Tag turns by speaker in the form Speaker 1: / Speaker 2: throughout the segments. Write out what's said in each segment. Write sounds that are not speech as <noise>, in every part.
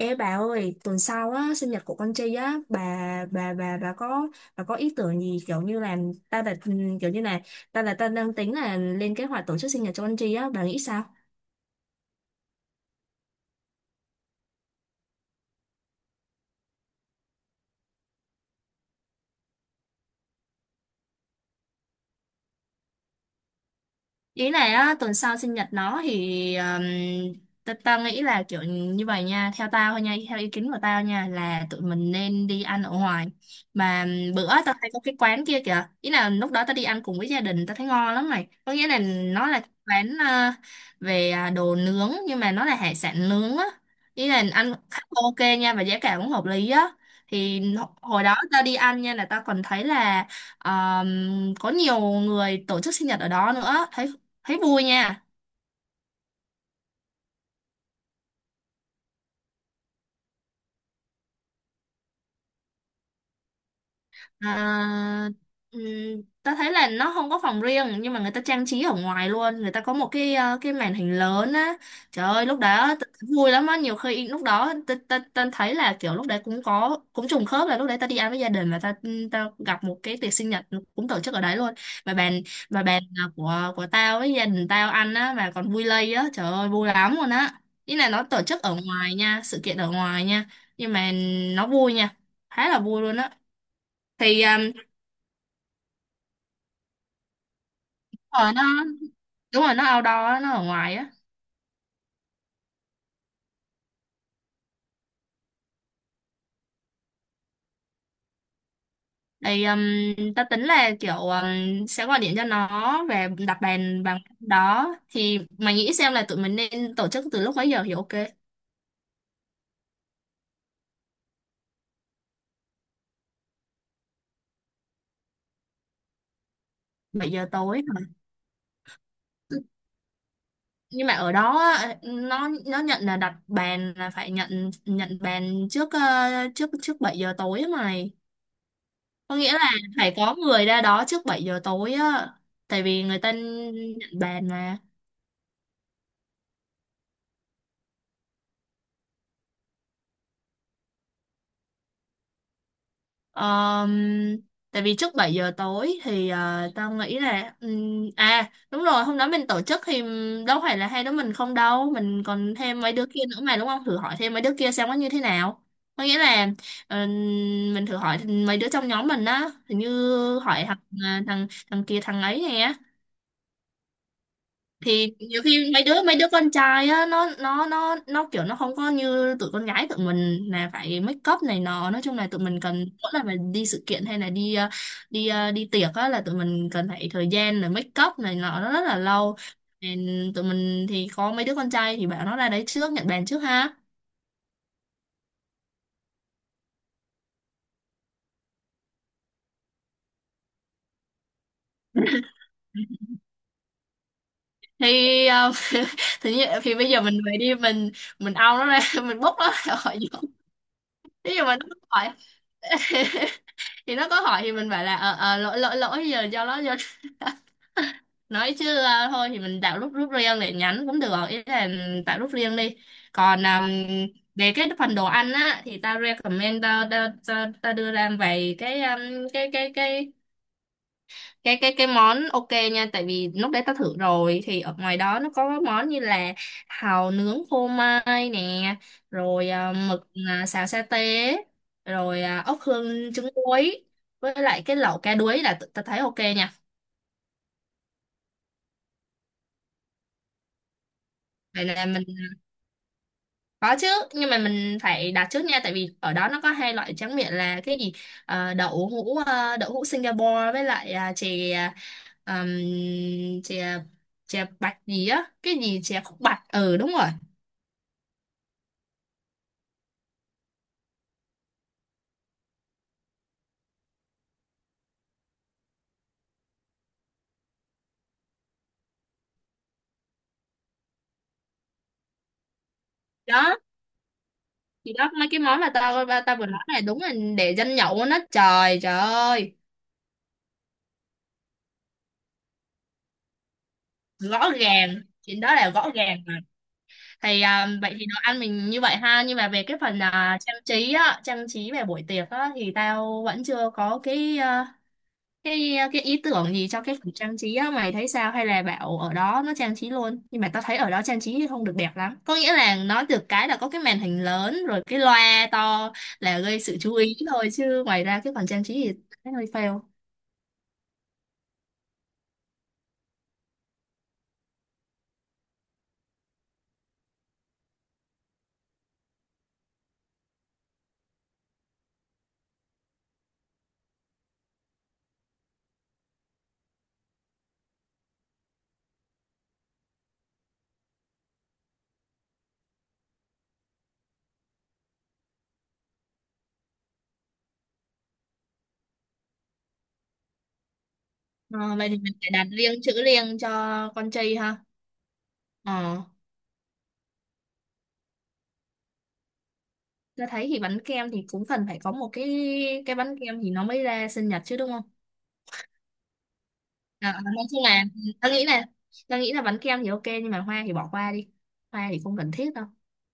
Speaker 1: Ê bà ơi, tuần sau á, sinh nhật của con Tri á, bà bà bà có bà có ý tưởng gì kiểu như là ta là ừ, kiểu như là ta đang tính là lên kế hoạch tổ chức sinh nhật cho con Tri á, bà nghĩ sao? Ý này á, tuần sau sinh nhật nó thì ta nghĩ là kiểu như vậy nha, theo tao thôi nha, theo ý kiến của tao nha, là tụi mình nên đi ăn ở ngoài. Mà bữa tao thấy có cái quán kia kìa, ý là lúc đó tao đi ăn cùng với gia đình, tao thấy ngon lắm này, có nghĩa là nó là quán về đồ nướng nhưng mà nó là hải sản nướng á, ý là ăn khá ok nha và giá cả cũng hợp lý á. Thì hồi đó tao đi ăn nha, là tao còn thấy là có nhiều người tổ chức sinh nhật ở đó nữa, thấy thấy vui nha. à, ừm, Ta thấy là nó không có phòng riêng nhưng mà người ta trang trí ở ngoài luôn, người ta có một cái màn hình lớn á, trời ơi lúc đó vui lắm á, nhiều khi lúc đó ta thấy là kiểu lúc đấy cũng có cũng trùng khớp là lúc đấy ta đi ăn với gia đình và ta, ta gặp một cái tiệc sinh nhật cũng tổ chức ở đấy luôn. Mà bàn mà bàn à, của tao với gia đình tao ăn á mà còn vui lây á, trời ơi vui lắm luôn á, ý là nó tổ chức ở ngoài nha, sự kiện ở ngoài nha, nhưng mà nó vui nha, khá là vui luôn á. Thì đúng rồi nó, đúng rồi nó outdoor á, nó ở ngoài á. Thì ta tính là kiểu sẽ gọi điện cho nó và đặt bàn bằng đó, thì mày nghĩ xem là tụi mình nên tổ chức từ lúc mấy giờ thì ok? 7 giờ tối hả? Nhưng mà ở đó á, nó nhận là đặt bàn là phải nhận nhận bàn trước trước trước 7 giờ tối á mày, có nghĩa là phải có người ra đó trước 7 giờ tối á, tại vì người ta nhận bàn mà. Ờm, Tại vì trước 7 giờ tối thì tao nghĩ là à đúng rồi, hôm đó mình tổ chức thì đâu phải là hai đứa mình không đâu, mình còn thêm mấy đứa kia nữa mà, đúng không, thử hỏi thêm mấy đứa kia xem nó như thế nào, có nghĩa là ừm, mình thử hỏi mấy đứa trong nhóm mình á, hình như hỏi thằng à, thằng thằng kia, thằng ấy nè. Thì nhiều khi mấy đứa con trai á, nó kiểu nó không có như tụi con gái tụi mình là phải make up này nọ, nói chung là tụi mình cần mỗi lần mà đi sự kiện hay là đi tiệc á là tụi mình cần phải thời gian là make up này nọ, nó rất là lâu. Nên tụi mình thì có mấy đứa con trai thì bảo nó ra đấy trước, nhận bàn trước ha. Thì <laughs> thì bây giờ mình về đi, mình ao nó ra, <laughs> mình bốc nó ra khỏi giường. Thế nhưng mà nó không phải. <laughs> Thì nó có hỏi thì mình phải là lỗi lỗi lỗi, giờ do nó do <laughs> nói chứ, à, thôi thì mình tạo group group riêng để nhắn cũng được, ý là tạo group riêng đi. Còn về cái phần đồ ăn á thì tao recommend, tao đưa ra vài cái cái cái cái cái món ok nha, tại vì lúc đấy tao thử rồi, thì ở ngoài đó nó có món như là hàu nướng phô mai nè, rồi mực xào sa tế, rồi ốc hương trứng muối, với lại cái lẩu cá đuối là tao thấy ok nha. Vậy là mình có chứ, nhưng mà mình phải đặt trước nha, tại vì ở đó nó có hai loại tráng miệng là cái gì? Đậu hũ Singapore với lại chè um, chè chè bạch gì á, cái gì chè khúc bạch, ừ đúng rồi đó. Thì đó mấy cái món mà tao ba tao vừa nói này đúng là để dân nhậu nó, trời trời ơi, rõ ràng, chuyện đó là rõ ràng mà. Thì vậy thì đồ ăn mình như vậy ha, nhưng mà về cái phần trang trí á, trang trí về buổi tiệc á thì tao vẫn chưa có cái ý tưởng gì cho cái phần trang trí á, mày thấy sao, hay là bảo ở đó nó trang trí luôn, nhưng mà tao thấy ở đó trang trí không được đẹp lắm, có nghĩa là nói được cái là có cái màn hình lớn rồi cái loa to là gây sự chú ý thôi, chứ ngoài ra cái phần trang trí thì thấy hơi fail. Ờ, Vậy thì mình phải đặt riêng, chữ riêng cho con trai ha. Ờ tao thấy thì bánh kem thì cũng cần phải có một cái bánh kem thì nó mới ra sinh nhật chứ, đúng không? Nói chung là tao nghĩ là bánh kem thì ok nhưng mà hoa thì bỏ qua đi, hoa thì không cần thiết đâu.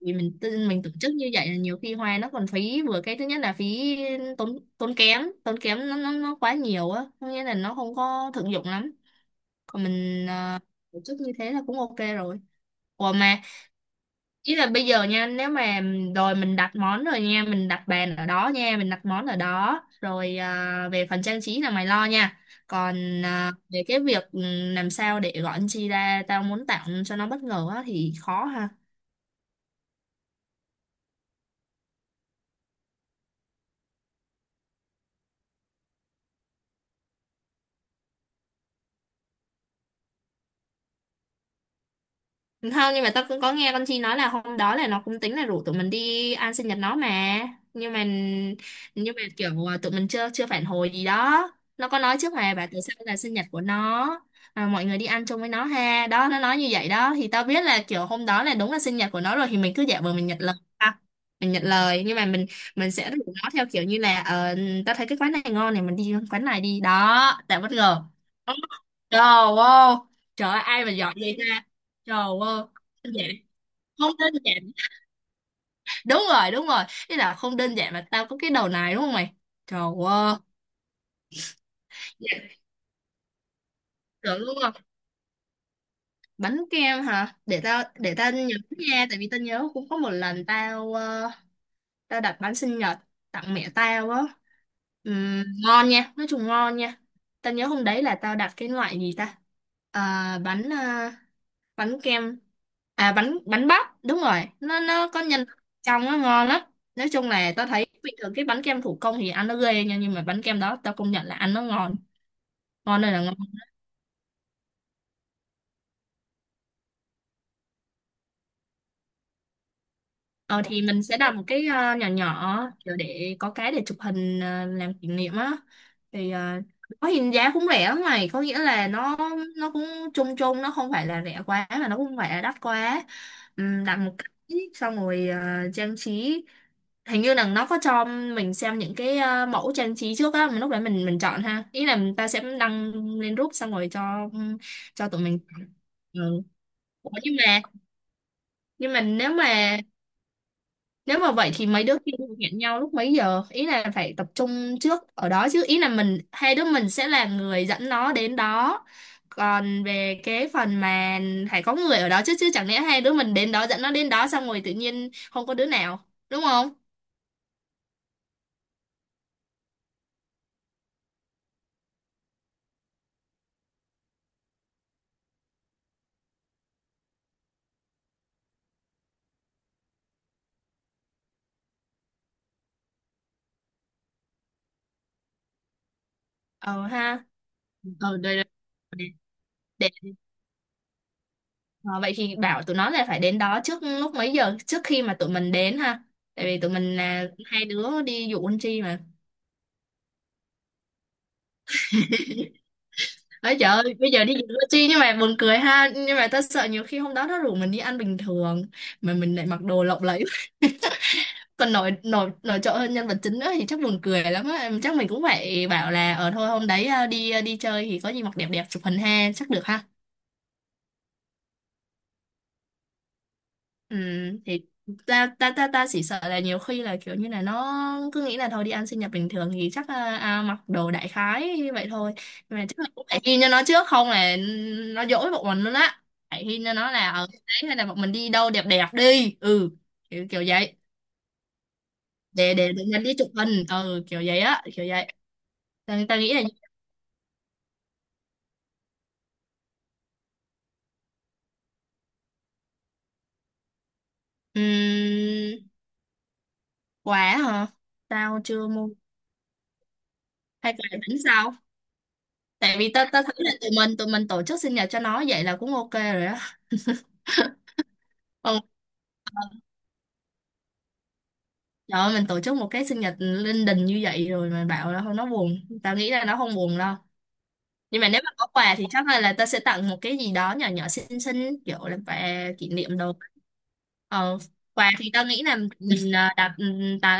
Speaker 1: Vì mình tổ chức như vậy là nhiều khi hoa nó còn phí, vừa cái thứ nhất là phí, tốn tốn kém nó quá nhiều á, có nghĩa là nó không có thực dụng lắm, còn mình tổ chức như thế là cũng ok rồi. Ủa mà ý là bây giờ nha, nếu mà rồi mình đặt món rồi nha, mình đặt bàn ở đó nha, mình đặt món ở đó rồi, về phần trang trí là mày lo nha. Còn về cái việc làm sao để gọi anh chi ra, tao muốn tặng cho nó bất ngờ á, thì khó ha. Không, nhưng mà tao cũng có nghe con Chi nói là hôm đó là nó cũng tính là rủ tụi mình đi ăn sinh nhật nó mà. Nhưng mà nhưng mà kiểu tụi mình chưa chưa phản hồi gì đó. Nó có nói trước mà bà, tại sao là sinh nhật của nó, mọi người đi ăn chung với nó ha. Đó, nó nói như vậy đó, thì tao biết là kiểu hôm đó là đúng là sinh nhật của nó rồi, thì mình cứ giả vờ mình nhận lời ha. Mình nhận lời nhưng mà mình sẽ rủ nó theo kiểu như là tao thấy cái quán này ngon này, mình đi quán này đi đó, tạo bất ngờ. Trời ơi, trời ơi, ai mà giỏi vậy ta? Trời ơi, đơn giản, không đơn giản. Đúng rồi, đúng rồi. Thế là không đơn giản mà tao có cái đầu này, đúng không mày? Trời ơi, dạ, tưởng đúng không? Bánh kem hả? Để tao nhớ nha, tại vì tao nhớ cũng có một lần tao đặt bánh sinh nhật tặng mẹ tao á. Ngon nha, nói chung ngon nha. Tao nhớ hôm đấy là tao đặt cái loại gì ta? À, bánh bánh kem à bánh bánh bắp đúng rồi, nó có nhân trong, nó ngon lắm, nói chung là tao thấy bình thường cái bánh kem thủ công thì ăn nó ghê nha, nhưng mà bánh kem đó tao công nhận là ăn nó ngon, ngon đây là ngon. Ờ thì mình sẽ đặt một cái nhỏ nhỏ, kiểu để có cái để chụp hình làm kỷ niệm á. Thì có hình giá cũng rẻ lắm này, có nghĩa là nó cũng chung chung, nó không phải là rẻ quá mà nó cũng không phải là đắt quá. Đặt một cái xong rồi trang trí. Hình như là nó có cho mình xem những cái mẫu trang trí trước á, mình lúc đấy mình chọn ha. Ý là người ta sẽ đăng lên group xong rồi cho tụi mình chọn. Ừ. Ủa, nhưng mà nhưng mà nếu mà nếu mà vậy thì mấy đứa kia hẹn nhau lúc mấy giờ? Ý là phải tập trung trước ở đó chứ. Ý là mình hai đứa mình sẽ là người dẫn nó đến đó. Còn về cái phần mà phải có người ở đó chứ chứ chẳng lẽ hai đứa mình đến đó dẫn nó đến đó xong rồi tự nhiên không có đứa nào, đúng không? Ờ ha. Ờ đây đây. Để, để- ờ, Vậy thì bảo tụi nó là phải đến đó trước lúc mấy giờ, trước khi mà tụi mình đến ha. Tại vì tụi mình là hai đứa đi dụ anh Chi mà. Ấy trời ơi, bây giờ đi dự chi nhưng mà buồn cười ha. Nhưng mà tao sợ nhiều khi hôm đó nó rủ mình đi ăn bình thường mà mình lại mặc đồ lộng lẫy, <laughs> còn nổi nổi nổi trội hơn nhân vật chính nữa thì chắc buồn cười lắm á. Chắc mình cũng phải bảo là ở thôi hôm đấy đi chơi thì có gì mặc đẹp đẹp chụp hình ha, chắc được ha. Ừ, thì ta ta ta ta chỉ sợ là nhiều khi là kiểu như là nó cứ nghĩ là thôi đi ăn sinh nhật bình thường thì chắc là, mặc đồ đại khái vậy thôi, nhưng mà chắc là cũng phải ghi cho nó trước, không là nó dỗi bọn mình luôn á, phải ghi cho nó là ở đấy hay là bọn mình đi đâu đẹp đẹp đi, ừ kiểu, kiểu vậy, để nhân đi chụp hình, ừ kiểu vậy á kiểu vậy. Ta nghĩ là ừm, quà hả, tao chưa mua, hay quà bánh sao, tại vì ta ta thấy là tụi mình tổ chức sinh nhật cho nó vậy là cũng ok rồi á. Ừ, trời ơi, mình tổ chức một cái sinh nhật linh đình như vậy rồi mà bảo là không nó buồn. Tao nghĩ là nó không buồn đâu. Nhưng mà nếu mà có quà thì chắc là tao sẽ tặng một cái gì đó nhỏ nhỏ xinh xinh kiểu là quà kỷ niệm đồ. Ờ, quà thì tao nghĩ là mình đặt tặng,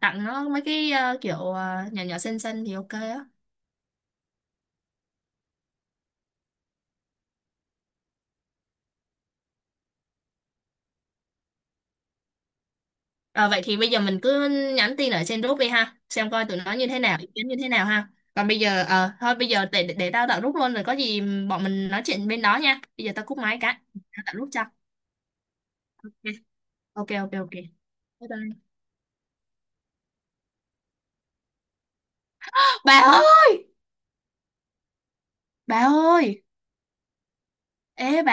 Speaker 1: tặng nó mấy cái kiểu nhỏ nhỏ xinh xinh thì ok á. Ờ, vậy thì bây giờ mình cứ nhắn tin ở trên group đi ha, xem coi tụi nó như thế nào, ý kiến như thế nào ha. Còn bây giờ, thôi bây giờ để tao tạo group luôn rồi có gì bọn mình nói chuyện bên đó nha. Bây giờ tao cúp máy cái, tao tạo group cho. Ok, ok, ok. Bye bye. Bà ơi, bà ơi, ê bà.